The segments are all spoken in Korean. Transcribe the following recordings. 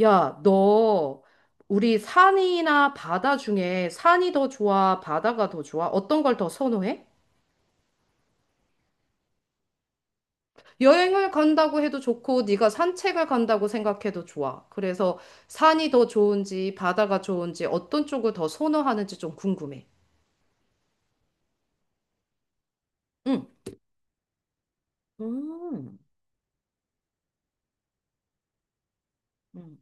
야, 너 우리 산이나 바다 중에 산이 더 좋아, 바다가 더 좋아? 어떤 걸 더 선호해? 여행을 간다고 해도 좋고, 네가 산책을 간다고 생각해도 좋아. 그래서 산이 더 좋은지, 바다가 좋은지, 어떤 쪽을 더 선호하는지 좀 궁금해. 응. 음. 음.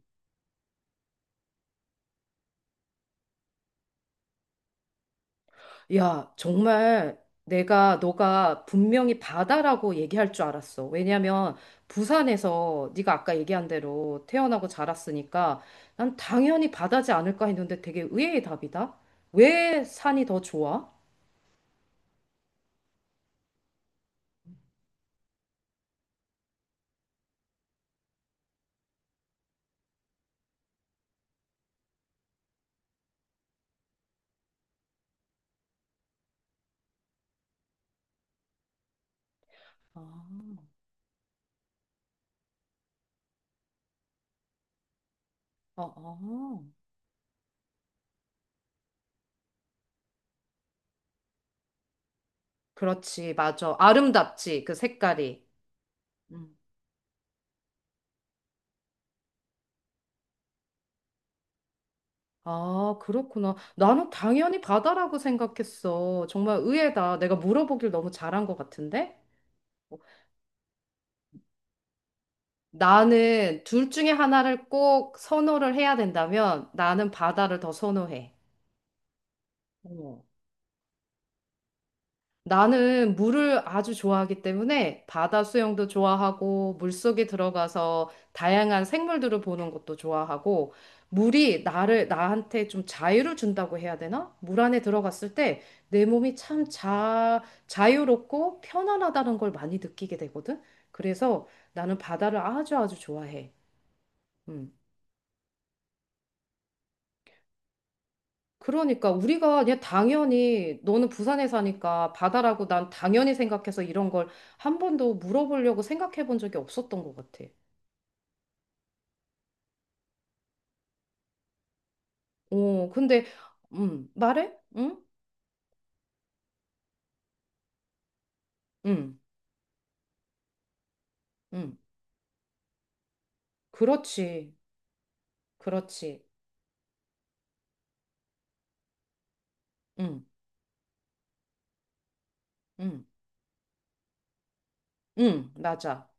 야, 정말 내가 너가 분명히 바다라고 얘기할 줄 알았어. 왜냐면 부산에서 네가 아까 얘기한 대로 태어나고 자랐으니까 난 당연히 바다지 않을까 했는데 되게 의외의 답이다. 왜 산이 더 좋아? 아, 어, 어. 그렇지, 맞아. 아름답지, 그 색깔이. 음. 아, 그렇구나. 나는 당연히 바다라고 생각했어. 정말 의외다. 내가 물어보길 너무 잘한 것 같은데? 나는 둘 중에 하나를 꼭 선호를 해야 된다면 나는 바다를 더 선호해. 어. 나는 물을 아주 좋아하기 때문에 바다 수영도 좋아하고 물속에 들어가서 다양한 생물들을 보는 것도 좋아하고 물이 나를 나한테 좀 자유를 준다고 해야 되나? 물 안에 들어갔을 때 내 몸이 참 자유롭고 편안하다는 걸 많이 느끼게 되거든. 그래서 나는 바다를 아주 아주 좋아해. 음. 그러니까 우리가 그냥 당연히 너는 부산에 사니까 바다라고 난 당연히 생각해서 이런 걸 한 번도 물어보려고 생각해 본 적이 없었던 것 같아. 어, 근데 말해? 응? 응. 응. 그렇지. 그렇지. 응. 응. 응. 맞아.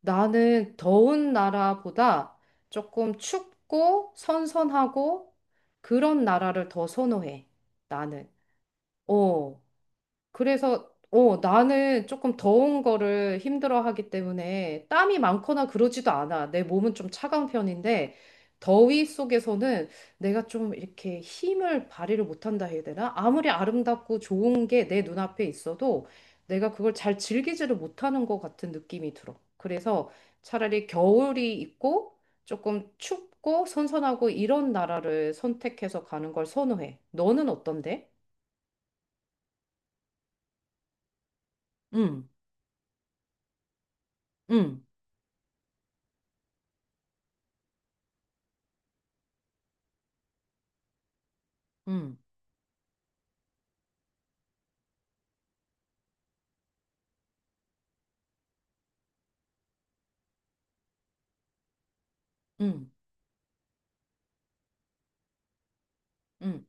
나는 더운 나라보다 조금 춥고 선선하고 그런 나라를 더 선호해. 나는. 어. 그래서 나는 조금 더운 거를 힘들어하기 때문에 땀이 많거나 그러지도 않아. 내 몸은 좀 차가운 편인데 더위 속에서는 내가 좀 이렇게 힘을 발휘를 못한다 해야 되나? 아무리 아름답고 좋은 게 내 눈앞에 있어도 내가 그걸 잘 즐기지를 못하는 것 같은 느낌이 들어. 그래서 차라리 겨울이 있고 조금 춥고 선선하고 이런 나라를 선택해서 가는 걸 선호해. 너는 어떤데? 응, 응, 응. 음, 음.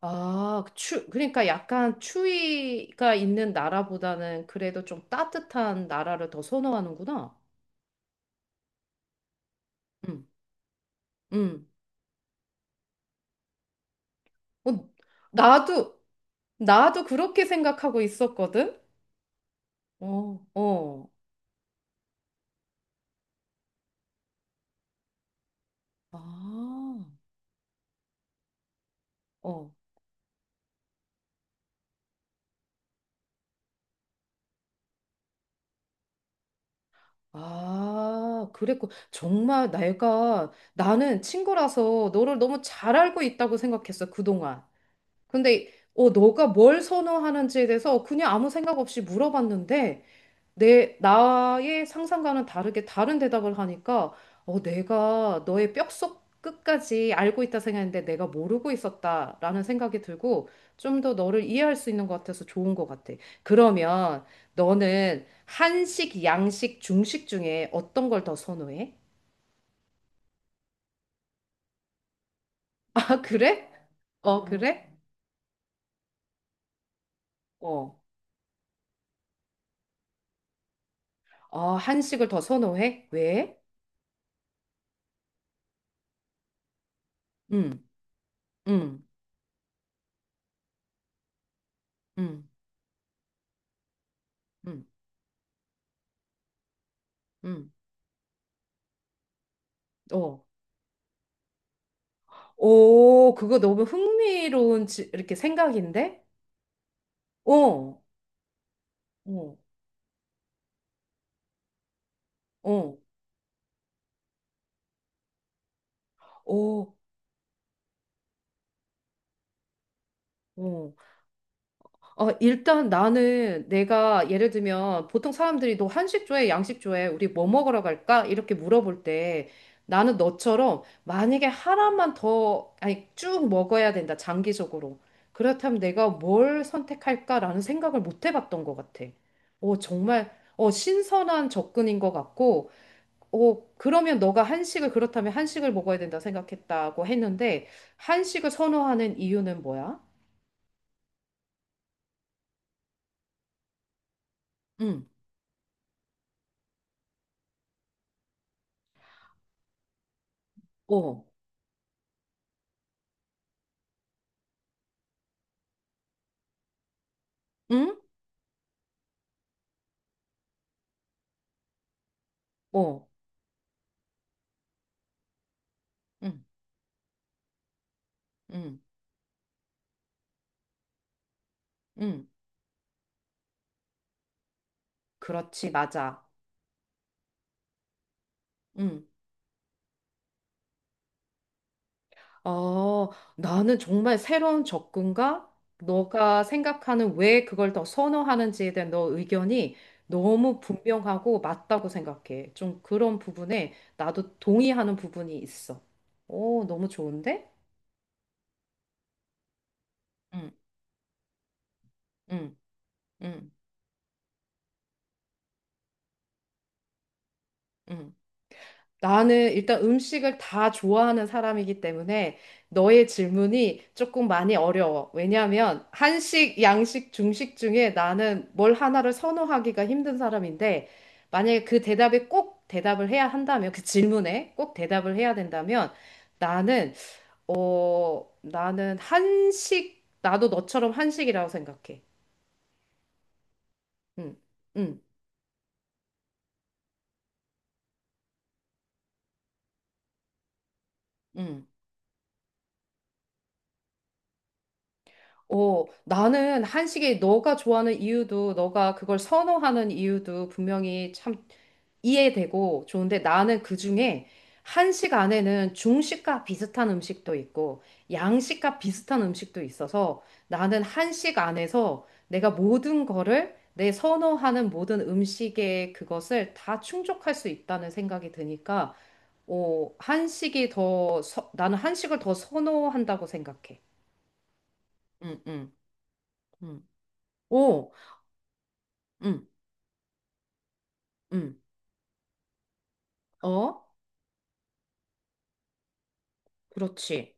아, 그러니까 약간 추위가 있는 나라보다는 그래도 좀 따뜻한 나라를 더 선호하는구나. 음, 음. 어, 나도, 나도 그렇게 생각하고 있었거든? 어, 어. 아, 어. 아, 그랬고. 정말 나는 친구라서 너를 너무 잘 알고 있다고 생각했어, 그동안. 근데, 너가 뭘 선호하는지에 대해서 그냥 아무 생각 없이 물어봤는데, 나의 상상과는 다르게 다른 대답을 하니까, 내가 너의 뼛속 끝까지 알고 있다 생각했는데 내가 모르고 있었다라는 생각이 들고 좀 더 너를 이해할 수 있는 것 같아서 좋은 것 같아. 그러면 너는 한식, 양식, 중식 중에 어떤 걸 더 선호해? 아, 그래? 어, 그래? 어. 아, 한식을 더 선호해? 왜? 음, 음, 음, 음, 음. 어. 오, 그거 너무 흥미로운 이렇게 생각인데? 어, 어, 어, 어, 어. 아, 일단 나는 내가 예를 들면 보통 사람들이 너 한식 좋아해, 양식 좋아해, 우리 뭐 먹으러 갈까? 이렇게 물어볼 때 나는 너처럼 만약에 하나만 더, 아니, 쭉 먹어야 된다, 장기적으로. 그렇다면 내가 뭘 선택할까라는 생각을 못 해봤던 것 같아. 어, 정말, 신선한 접근인 것 같고, 어, 그러면 너가 한식을 그렇다면 한식을 먹어야 된다 생각했다고 했는데 한식을 선호하는 이유는 뭐야? 응, 어, 응, 어, 응, 응, 응. 그렇지, 맞아. 응. 어, 나는 정말 새로운 접근과 너가 생각하는 왜 그걸 더 선호하는지에 대한 너 의견이 너무 분명하고 맞다고 생각해. 좀 그런 부분에 나도 동의하는 부분이 있어. 오, 너무 좋은데? 응, 응, 응, 응. 나는 일단 음식을 다 좋아하는 사람이기 때문에 너의 질문이 조금 많이 어려워. 왜냐하면 한식, 양식, 중식 중에 나는 뭘 하나를 선호하기가 힘든 사람인데 만약에 그 대답에 꼭 대답을 해야 한다면 그 질문에 꼭 대답을 해야 된다면 나는 나는 한식 나도 너처럼 한식이라고 생각해. 응, 응, 응. 어, 나는 한식이 너가 좋아하는 이유도, 너가 그걸 선호하는 이유도 분명히 참 이해되고 좋은데 나는 그중에 한식 안에는 중식과 비슷한 음식도 있고 양식과 비슷한 음식도 있어서 나는 한식 안에서 내가 모든 거를 내 선호하는 모든 음식의 그것을 다 충족할 수 있다는 생각이 드니까 어, 나는 한식을 더 선호한다고 생각해. 응, 응, 응. 어, 응, 응, 어, 그렇지.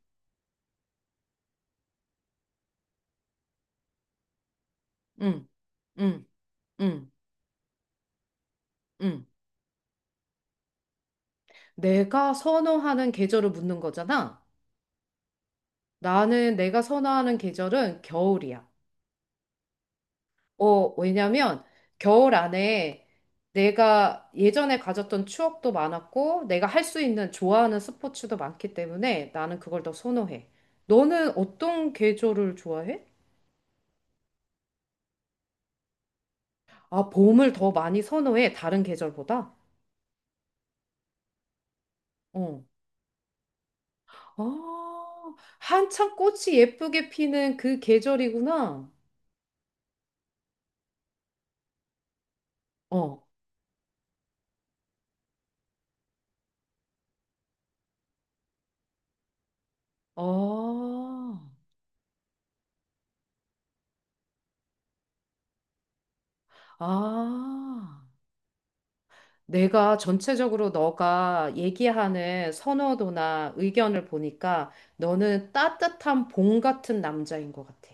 응, 응, 응, 응. 내가 선호하는 계절을 묻는 거잖아. 나는 내가 선호하는 계절은 겨울이야. 어, 왜냐면 겨울 안에 내가 예전에 가졌던 추억도 많았고, 내가 할 수 있는 좋아하는 스포츠도 많기 때문에 나는 그걸 더 선호해. 너는 어떤 계절을 좋아해? 아, 봄을 더 많이 선호해, 다른 계절보다? 어. 아, 한창 꽃이 예쁘게 피는 그 계절이구나. 어, 아, 아. 내가 전체적으로 너가 얘기하는 선호도나 의견을 보니까 너는 따뜻한 봄 같은 남자인 것 같아.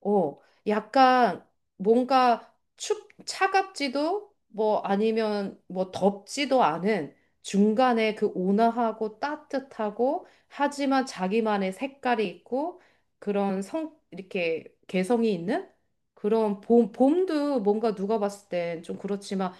어, 약간 뭔가 차갑지도 뭐 아니면 뭐 덥지도 않은 중간에 그 온화하고 따뜻하고 하지만 자기만의 색깔이 있고 그런 이렇게 개성이 있는 그런 봄도 뭔가 누가 봤을 땐 좀 그렇지만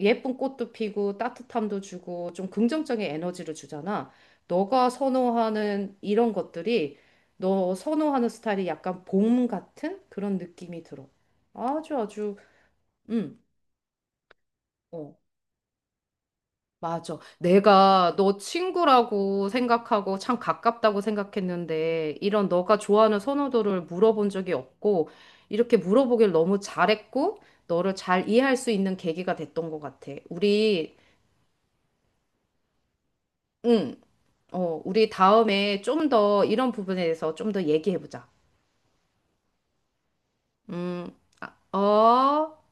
예쁜 꽃도 피고 따뜻함도 주고 좀 긍정적인 에너지를 주잖아. 너가 선호하는 이런 것들이 너 선호하는 스타일이 약간 봄 같은 그런 느낌이 들어. 아주 아주 음. 어. 맞아. 내가 너 친구라고 생각하고 참 가깝다고 생각했는데 이런 너가 좋아하는 선호도를 물어본 적이 없고 이렇게 물어보길 너무 잘했고 너를 잘 이해할 수 있는 계기가 됐던 것 같아. 우리 응. 어, 우리 다음에 좀 더 이런 부분에 대해서 좀 더 얘기해보자. 음, 아, 어.